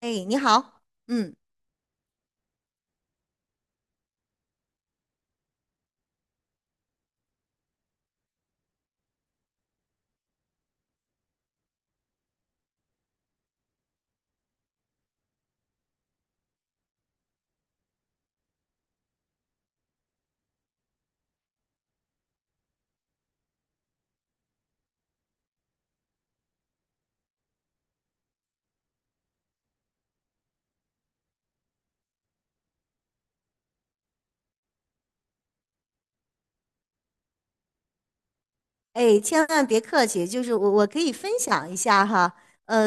哎，你好。嗯。哎，千万别客气，就是我可以分享一下哈。呃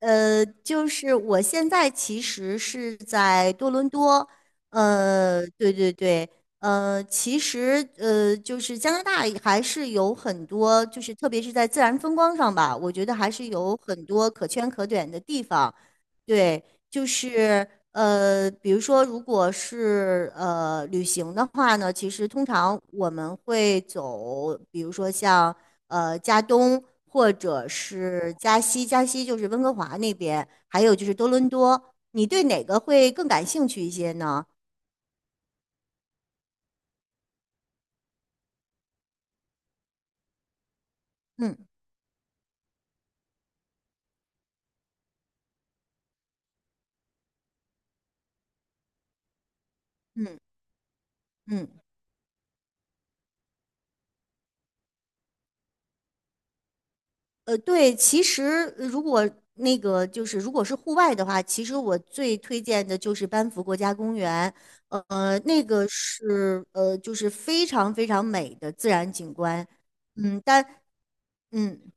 就是我现在其实是在多伦多。对对对。其实就是加拿大还是有很多，就是特别是在自然风光上吧，我觉得还是有很多可圈可点的地方。对，就是。比如说，如果是旅行的话呢，其实通常我们会走，比如说像加东或者是加西，加西就是温哥华那边，还有就是多伦多。你对哪个会更感兴趣一些呢？嗯嗯嗯。对，其实如果如果是户外的话，其实我最推荐的就是班夫国家公园。那个是就是非常非常美的自然景观。嗯，但嗯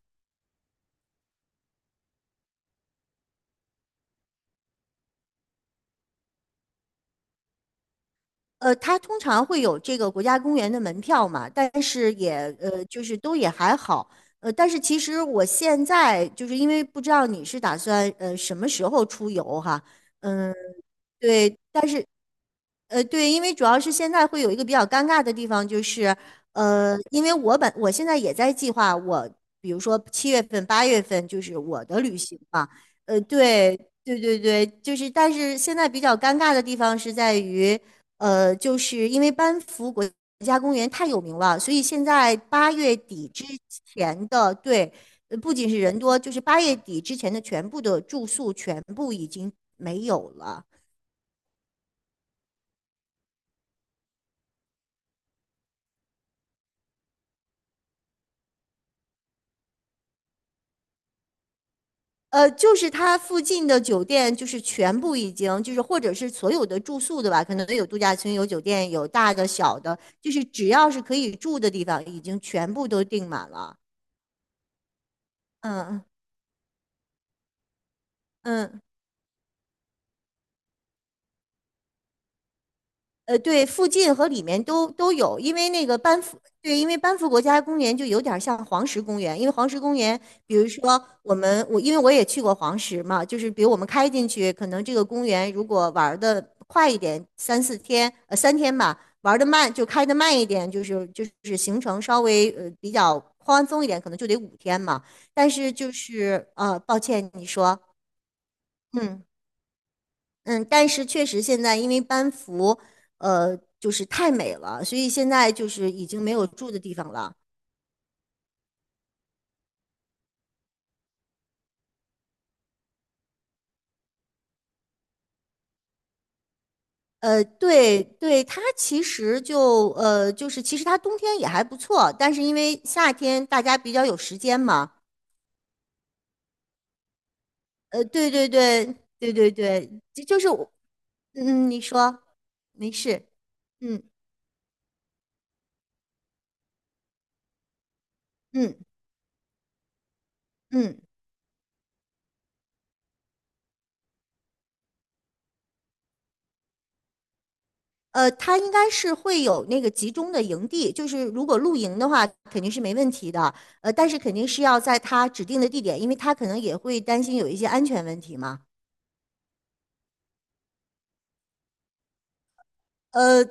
它通常会有这个国家公园的门票嘛，但是也就是都也还好。但是其实我现在就是因为不知道你是打算什么时候出游哈。嗯。对。对，因为主要是现在会有一个比较尴尬的地方，就是，因为我现在也在计划我，比如说7月份、8月份就是我的旅行嘛。对，对对对，就是，但是现在比较尴尬的地方是在于，就是因为班夫国家公园太有名了，所以现在八月底之前的，对。不仅是人多，就是八月底之前的全部的住宿全部已经没有了。就是它附近的酒店，就是全部已经，就是或者是所有的住宿的吧，可能有度假村、有酒店、有大的、小的，就是只要是可以住的地方，已经全部都订满了。嗯嗯。嗯对，附近和里面都有，因为那个班夫，对，因为班夫国家公园就有点像黄石公园，因为黄石公园，比如说我因为我也去过黄石嘛，就是比如我们开进去，可能这个公园如果玩的快一点，3、4天，3天吧，玩的慢就开的慢一点，就是行程稍微比较宽松一点，可能就得5天嘛。但是就是抱歉，你说。嗯。嗯，但是确实现在因为班服，就是太美了，所以现在就是已经没有住的地方了。对对，它其实就就是其实它冬天也还不错，但是因为夏天大家比较有时间嘛。对对对对对对，就是我。嗯，你说。没事。嗯嗯嗯。他应该是会有那个集中的营地，就是如果露营的话，肯定是没问题的。但是肯定是要在他指定的地点，因为他可能也会担心有一些安全问题嘛。呃，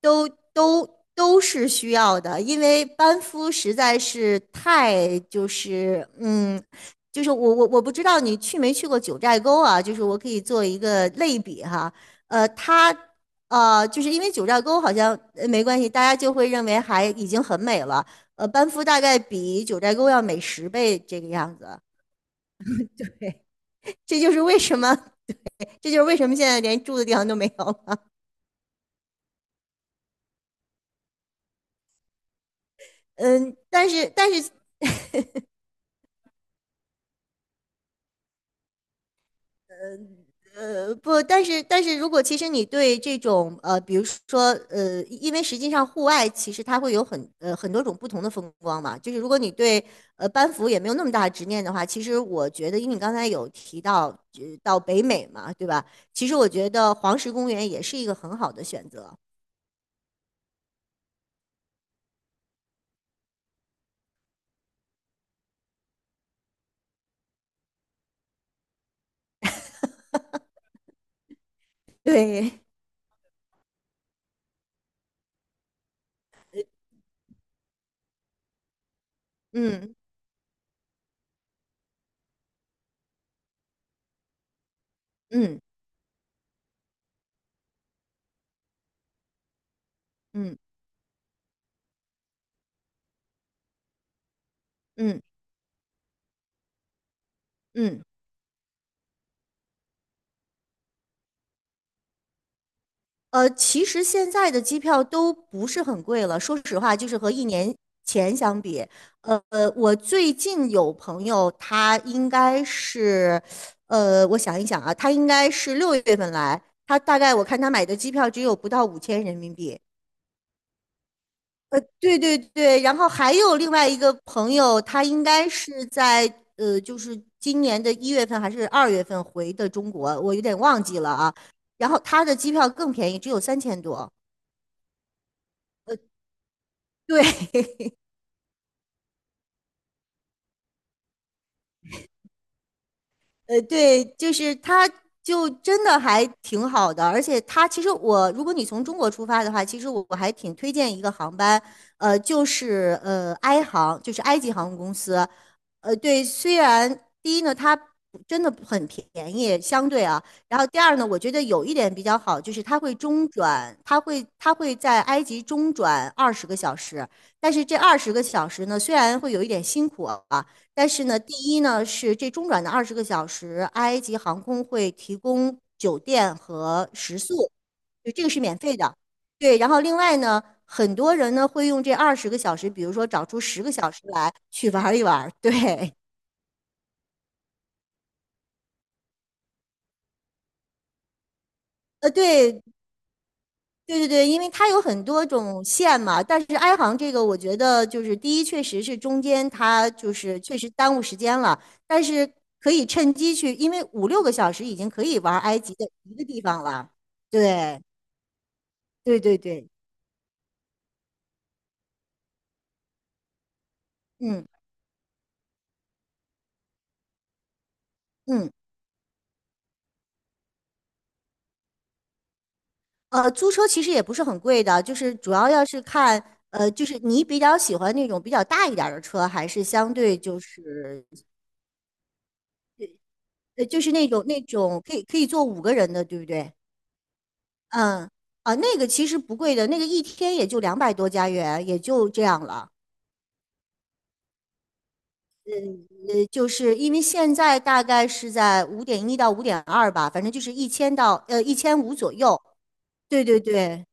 都都都是需要的，因为班夫实在是太就是嗯，就是我不知道你去没去过九寨沟啊，就是我可以做一个类比哈。它就是因为九寨沟好像没关系，大家就会认为还已经很美了。班夫大概比九寨沟要美10倍这个样子。对，这就是为什么。这就是为什么现在连住的地方都没有了。嗯，但是不，但是如果其实你对这种比如说因为实际上户外其实它会有很多种不同的风光嘛，就是如果你对班服也没有那么大的执念的话，其实我觉得，因为你刚才有提到到北美嘛，对吧？其实我觉得黄石公园也是一个很好的选择。对。嗯嗯嗯嗯嗯。其实现在的机票都不是很贵了，说实话，就是和1年前相比。呃，我最近有朋友，他应该是，我想一想啊，他应该是6月份来，他大概我看他买的机票只有不到5000人民币。对对对，然后还有另外一个朋友，他应该是在就是今年的1月份还是2月份回的中国，我有点忘记了啊。然后他的机票更便宜，只有3000多。对。对，就是他就真的还挺好的，而且他其实我，如果你从中国出发的话，其实我还挺推荐一个航班。就是埃航，就是埃及航空公司。对，虽然第一呢，它真的很便宜，相对啊，然后第二呢，我觉得有一点比较好，就是它会中转，它会在埃及中转二十个小时，但是这二十个小时呢，虽然会有一点辛苦啊。但是呢，第一呢是这中转的二十个小时，埃及航空会提供酒店和食宿，就这个是免费的。对，然后另外呢，很多人呢会用这二十个小时，比如说找出十个小时来去玩一玩。对。对对对对，因为它有很多种线嘛，但是埃航这个，我觉得就是第一，确实是中间它就是确实耽误时间了，但是可以趁机去，因为5、6个小时已经可以玩埃及的一个地方了。对对对对。嗯嗯。租车其实也不是很贵的，就是主要要是看，就是你比较喜欢那种比较大一点儿的车，还是相对就是，就是那种可以坐5个人的，对不对？嗯。啊，那个其实不贵的，那个一天也就两百多加元，也就这样了。就是因为现在大概是在5.1到5.2吧，反正就是一千到1500左右。对对对。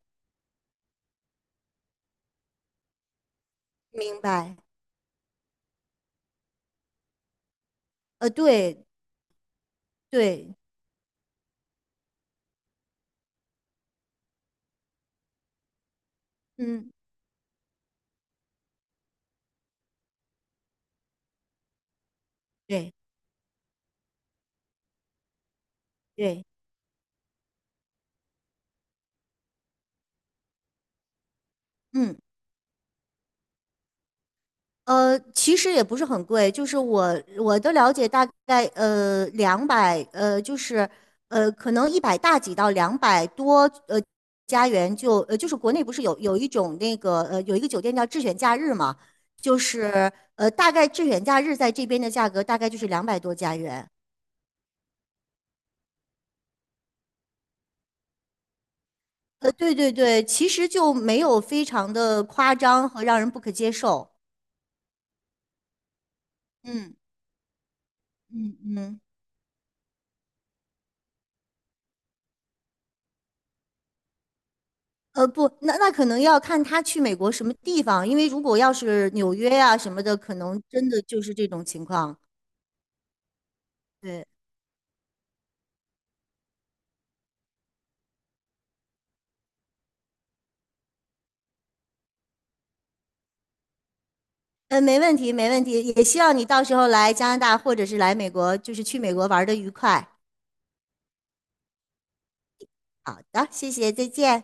明白。对对。嗯，对对。嗯。其实也不是很贵，就是我的了解大概两百就是可能一百大几到两百多呃加元就就是国内不是有一种那个有一个酒店叫智选假日嘛，就是大概智选假日在这边的价格大概就是两百多加元。对对对，其实就没有非常的夸张和让人不可接受。嗯嗯嗯。不，那那可能要看他去美国什么地方，因为如果要是纽约呀、什么的，可能真的就是这种情况。对。没问题，没问题，也希望你到时候来加拿大或者是来美国，就是去美国玩的愉快。好的，谢谢，再见。